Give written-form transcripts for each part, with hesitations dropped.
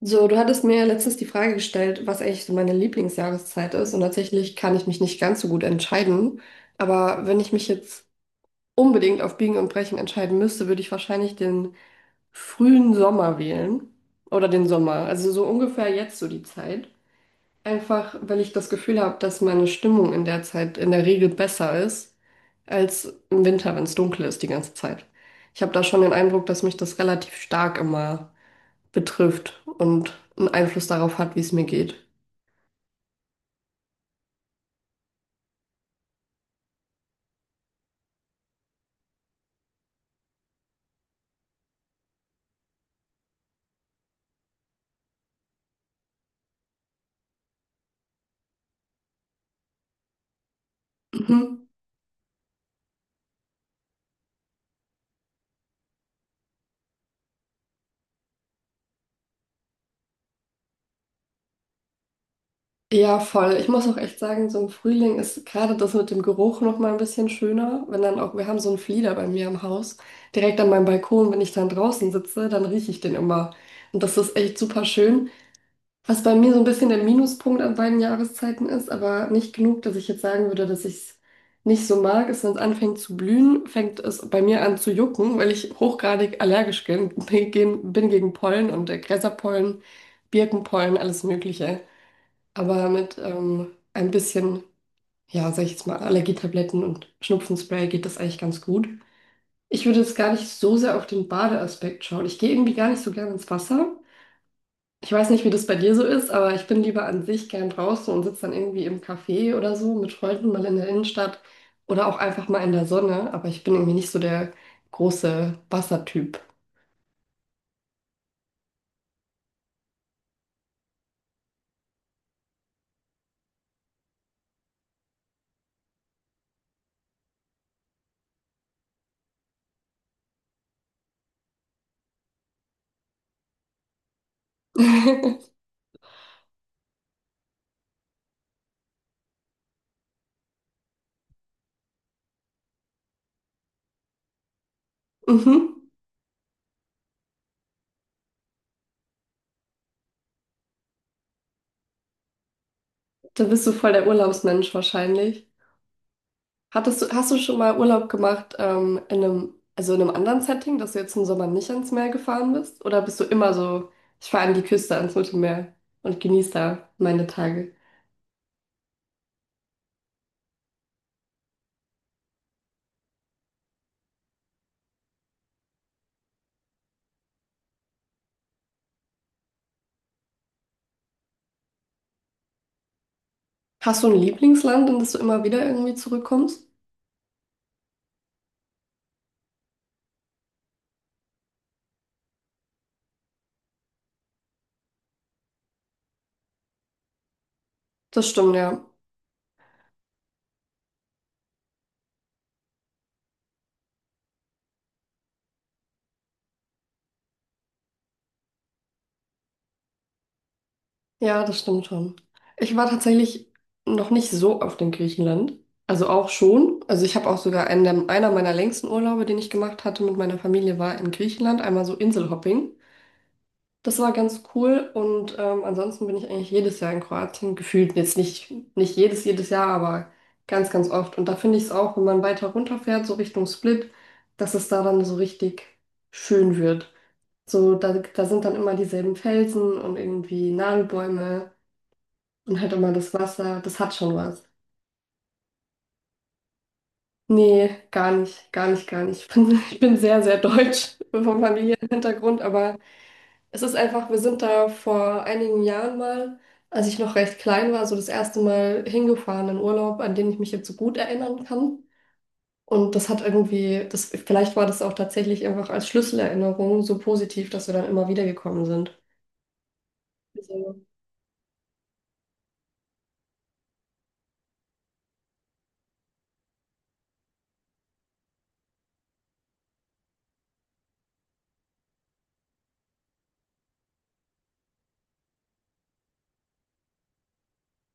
So, du hattest mir ja letztens die Frage gestellt, was eigentlich so meine Lieblingsjahreszeit ist. Und tatsächlich kann ich mich nicht ganz so gut entscheiden. Aber wenn ich mich jetzt unbedingt auf Biegen und Brechen entscheiden müsste, würde ich wahrscheinlich den frühen Sommer wählen. Oder den Sommer. Also so ungefähr jetzt so die Zeit. Einfach, weil ich das Gefühl habe, dass meine Stimmung in der Zeit in der Regel besser ist als im Winter, wenn es dunkel ist die ganze Zeit. Ich habe da schon den Eindruck, dass mich das relativ stark immer betrifft und einen Einfluss darauf hat, wie es mir geht. Mhm. Ja, voll. Ich muss auch echt sagen, so im Frühling ist gerade das mit dem Geruch noch mal ein bisschen schöner, wenn dann auch, wir haben so einen Flieder bei mir im Haus, direkt an meinem Balkon, wenn ich dann draußen sitze, dann rieche ich den immer. Und das ist echt super schön. Was bei mir so ein bisschen der Minuspunkt an beiden Jahreszeiten ist, aber nicht genug, dass ich jetzt sagen würde, dass ich es nicht so mag, ist, wenn es anfängt zu blühen, fängt es bei mir an zu jucken, weil ich hochgradig allergisch bin gegen Pollen und Gräserpollen, Birkenpollen, alles Mögliche. Aber mit ein bisschen, ja, sag ich jetzt mal, Allergietabletten und Schnupfenspray geht das eigentlich ganz gut. Ich würde jetzt gar nicht so sehr auf den Badeaspekt schauen. Ich gehe irgendwie gar nicht so gerne ins Wasser. Ich weiß nicht, wie das bei dir so ist, aber ich bin lieber an sich gern draußen und sitze dann irgendwie im Café oder so mit Freunden mal in der Innenstadt oder auch einfach mal in der Sonne. Aber ich bin irgendwie nicht so der große Wassertyp. Mhm. Da bist du voll der Urlaubsmensch wahrscheinlich. Hast du schon mal Urlaub gemacht, in einem, also in einem anderen Setting, dass du jetzt im Sommer nicht ans Meer gefahren bist? Oder bist du immer so, ich fahre an die Küste, ans Mittelmeer und genieße da meine Tage? Hast du ein Lieblingsland, in das du immer wieder irgendwie zurückkommst? Das stimmt, ja. Ja, das stimmt schon. Ich war tatsächlich noch nicht so oft in Griechenland. Also auch schon. Also ich habe auch sogar einer meiner längsten Urlaube, den ich gemacht hatte mit meiner Familie, war in Griechenland. Einmal so Inselhopping. Das war ganz cool. Und ansonsten bin ich eigentlich jedes Jahr in Kroatien. Gefühlt jetzt nicht, nicht jedes, jedes Jahr, aber ganz, ganz oft. Und da finde ich es auch, wenn man weiter runterfährt, so Richtung Split, dass es da dann so richtig schön wird. So, da sind dann immer dieselben Felsen und irgendwie Nadelbäume und halt immer das Wasser. Das hat schon was. Nee, gar nicht, gar nicht, gar nicht. Ich bin, ich bin sehr, sehr deutsch vom familiären Hintergrund, aber es ist einfach, wir sind da vor einigen Jahren mal, als ich noch recht klein war, so das erste Mal hingefahren in Urlaub, an den ich mich jetzt so gut erinnern kann. Und das hat irgendwie, das, vielleicht war das auch tatsächlich einfach als Schlüsselerinnerung so positiv, dass wir dann immer wieder gekommen sind. Also,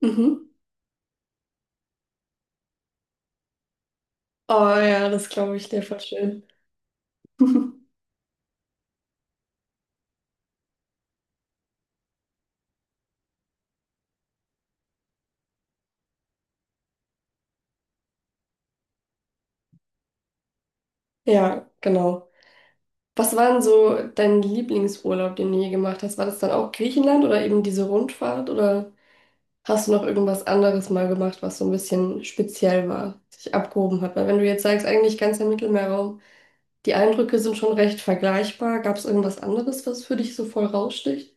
mhm. Oh ja, das glaube ich dir voll schön. Ja, genau. Was war denn so dein Lieblingsurlaub, den du je gemacht hast? War das dann auch Griechenland oder eben diese Rundfahrt? Oder hast du noch irgendwas anderes mal gemacht, was so ein bisschen speziell war, sich abgehoben hat? Weil wenn du jetzt sagst, eigentlich ganz der Mittelmeerraum, die Eindrücke sind schon recht vergleichbar. Gab es irgendwas anderes, was für dich so voll raussticht?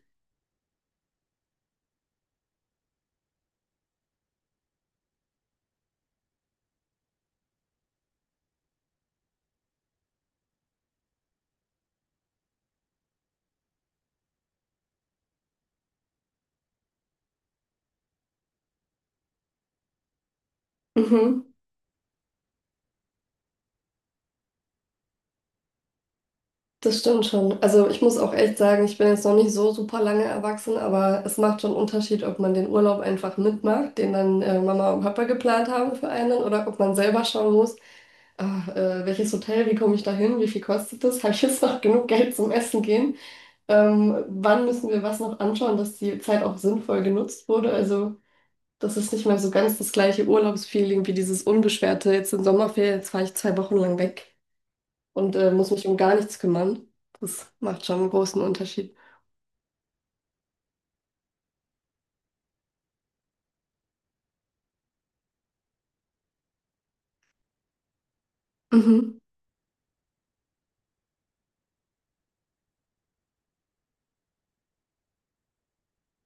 Mhm. Das stimmt schon. Also ich muss auch echt sagen, ich bin jetzt noch nicht so super lange erwachsen, aber es macht schon einen Unterschied, ob man den Urlaub einfach mitmacht, den dann Mama und Papa geplant haben für einen, oder ob man selber schauen muss, welches Hotel, wie komme ich da hin, wie viel kostet das, habe ich jetzt noch genug Geld zum Essen gehen, wann müssen wir was noch anschauen, dass die Zeit auch sinnvoll genutzt wurde. Also das ist nicht mehr so ganz das gleiche Urlaubsfeeling wie dieses unbeschwerte, jetzt sind Sommerferien, jetzt fahre ich 2 Wochen lang weg und muss mich um gar nichts kümmern. Das macht schon einen großen Unterschied. Mhm.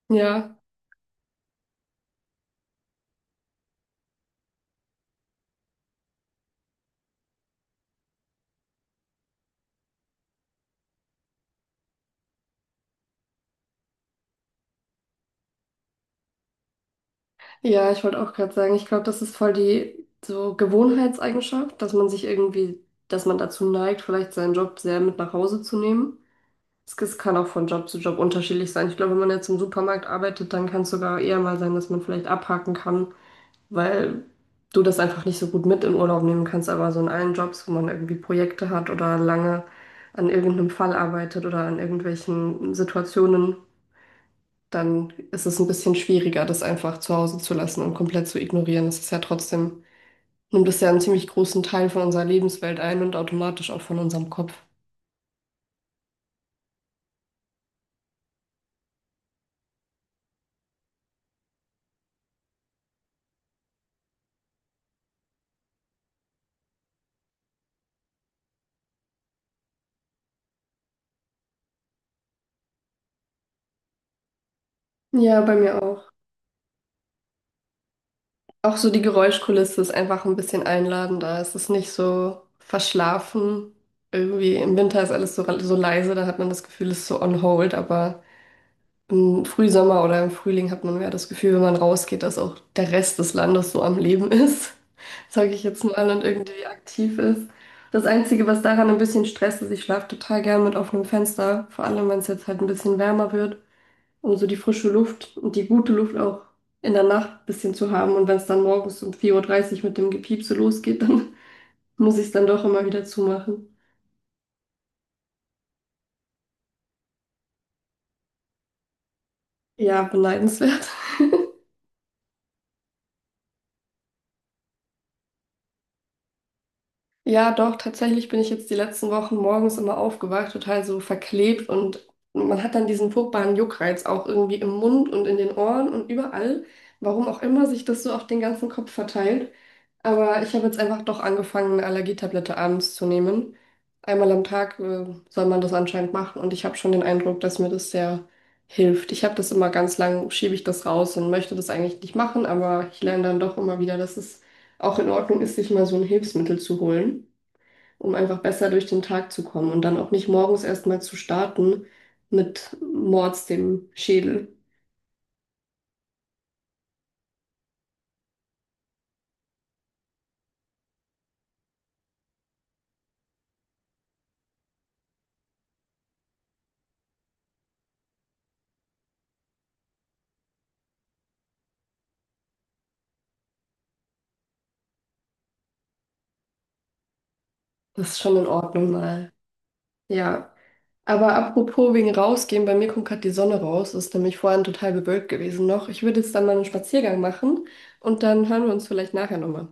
Ja, ja, ich wollte auch gerade sagen, ich glaube, das ist voll die so Gewohnheitseigenschaft, dass man sich irgendwie, dass man dazu neigt, vielleicht seinen Job sehr mit nach Hause zu nehmen. Es kann auch von Job zu Job unterschiedlich sein. Ich glaube, wenn man jetzt im Supermarkt arbeitet, dann kann es sogar eher mal sein, dass man vielleicht abhaken kann, weil du das einfach nicht so gut mit in Urlaub nehmen kannst. Aber so in allen Jobs, wo man irgendwie Projekte hat oder lange an irgendeinem Fall arbeitet oder an irgendwelchen Situationen, dann ist es ein bisschen schwieriger, das einfach zu Hause zu lassen und komplett zu ignorieren. Das ist ja trotzdem, nimmt das ja einen ziemlich großen Teil von unserer Lebenswelt ein und automatisch auch von unserem Kopf. Ja, bei mir auch. Auch so die Geräuschkulisse ist einfach ein bisschen einladender. Es ist nicht so verschlafen. Irgendwie im Winter ist alles so, so leise, da hat man das Gefühl, es ist so on hold. Aber im Frühsommer oder im Frühling hat man mehr das Gefühl, wenn man rausgeht, dass auch der Rest des Landes so am Leben ist. Sage ich jetzt mal und irgendwie aktiv ist. Das Einzige, was daran ein bisschen Stress ist, ich schlafe total gern mit offenem Fenster, vor allem wenn es jetzt halt ein bisschen wärmer wird, um so die frische Luft und die gute Luft auch in der Nacht ein bisschen zu haben. Und wenn es dann morgens um 4:30 Uhr mit dem Gepiepse losgeht, dann muss ich es dann doch immer wieder zumachen. Ja, beneidenswert. Ja, doch, tatsächlich bin ich jetzt die letzten Wochen morgens immer aufgewacht, total so verklebt, und man hat dann diesen furchtbaren Juckreiz auch irgendwie im Mund und in den Ohren und überall, warum auch immer sich das so auf den ganzen Kopf verteilt. Aber ich habe jetzt einfach doch angefangen, eine Allergietablette abends zu nehmen. Einmal am Tag, soll man das anscheinend machen, und ich habe schon den Eindruck, dass mir das sehr hilft. Ich habe das immer ganz lang, schiebe ich das raus und möchte das eigentlich nicht machen, aber ich lerne dann doch immer wieder, dass es auch in Ordnung ist, sich mal so ein Hilfsmittel zu holen, um einfach besser durch den Tag zu kommen und dann auch nicht morgens erstmal zu starten mit Mords dem Schädel. Das ist schon in Ordnung mal. Ja. Aber apropos wegen rausgehen, bei mir kommt gerade die Sonne raus. Es ist nämlich vorhin total bewölkt gewesen noch. Ich würde jetzt dann mal einen Spaziergang machen und dann hören wir uns vielleicht nachher nochmal.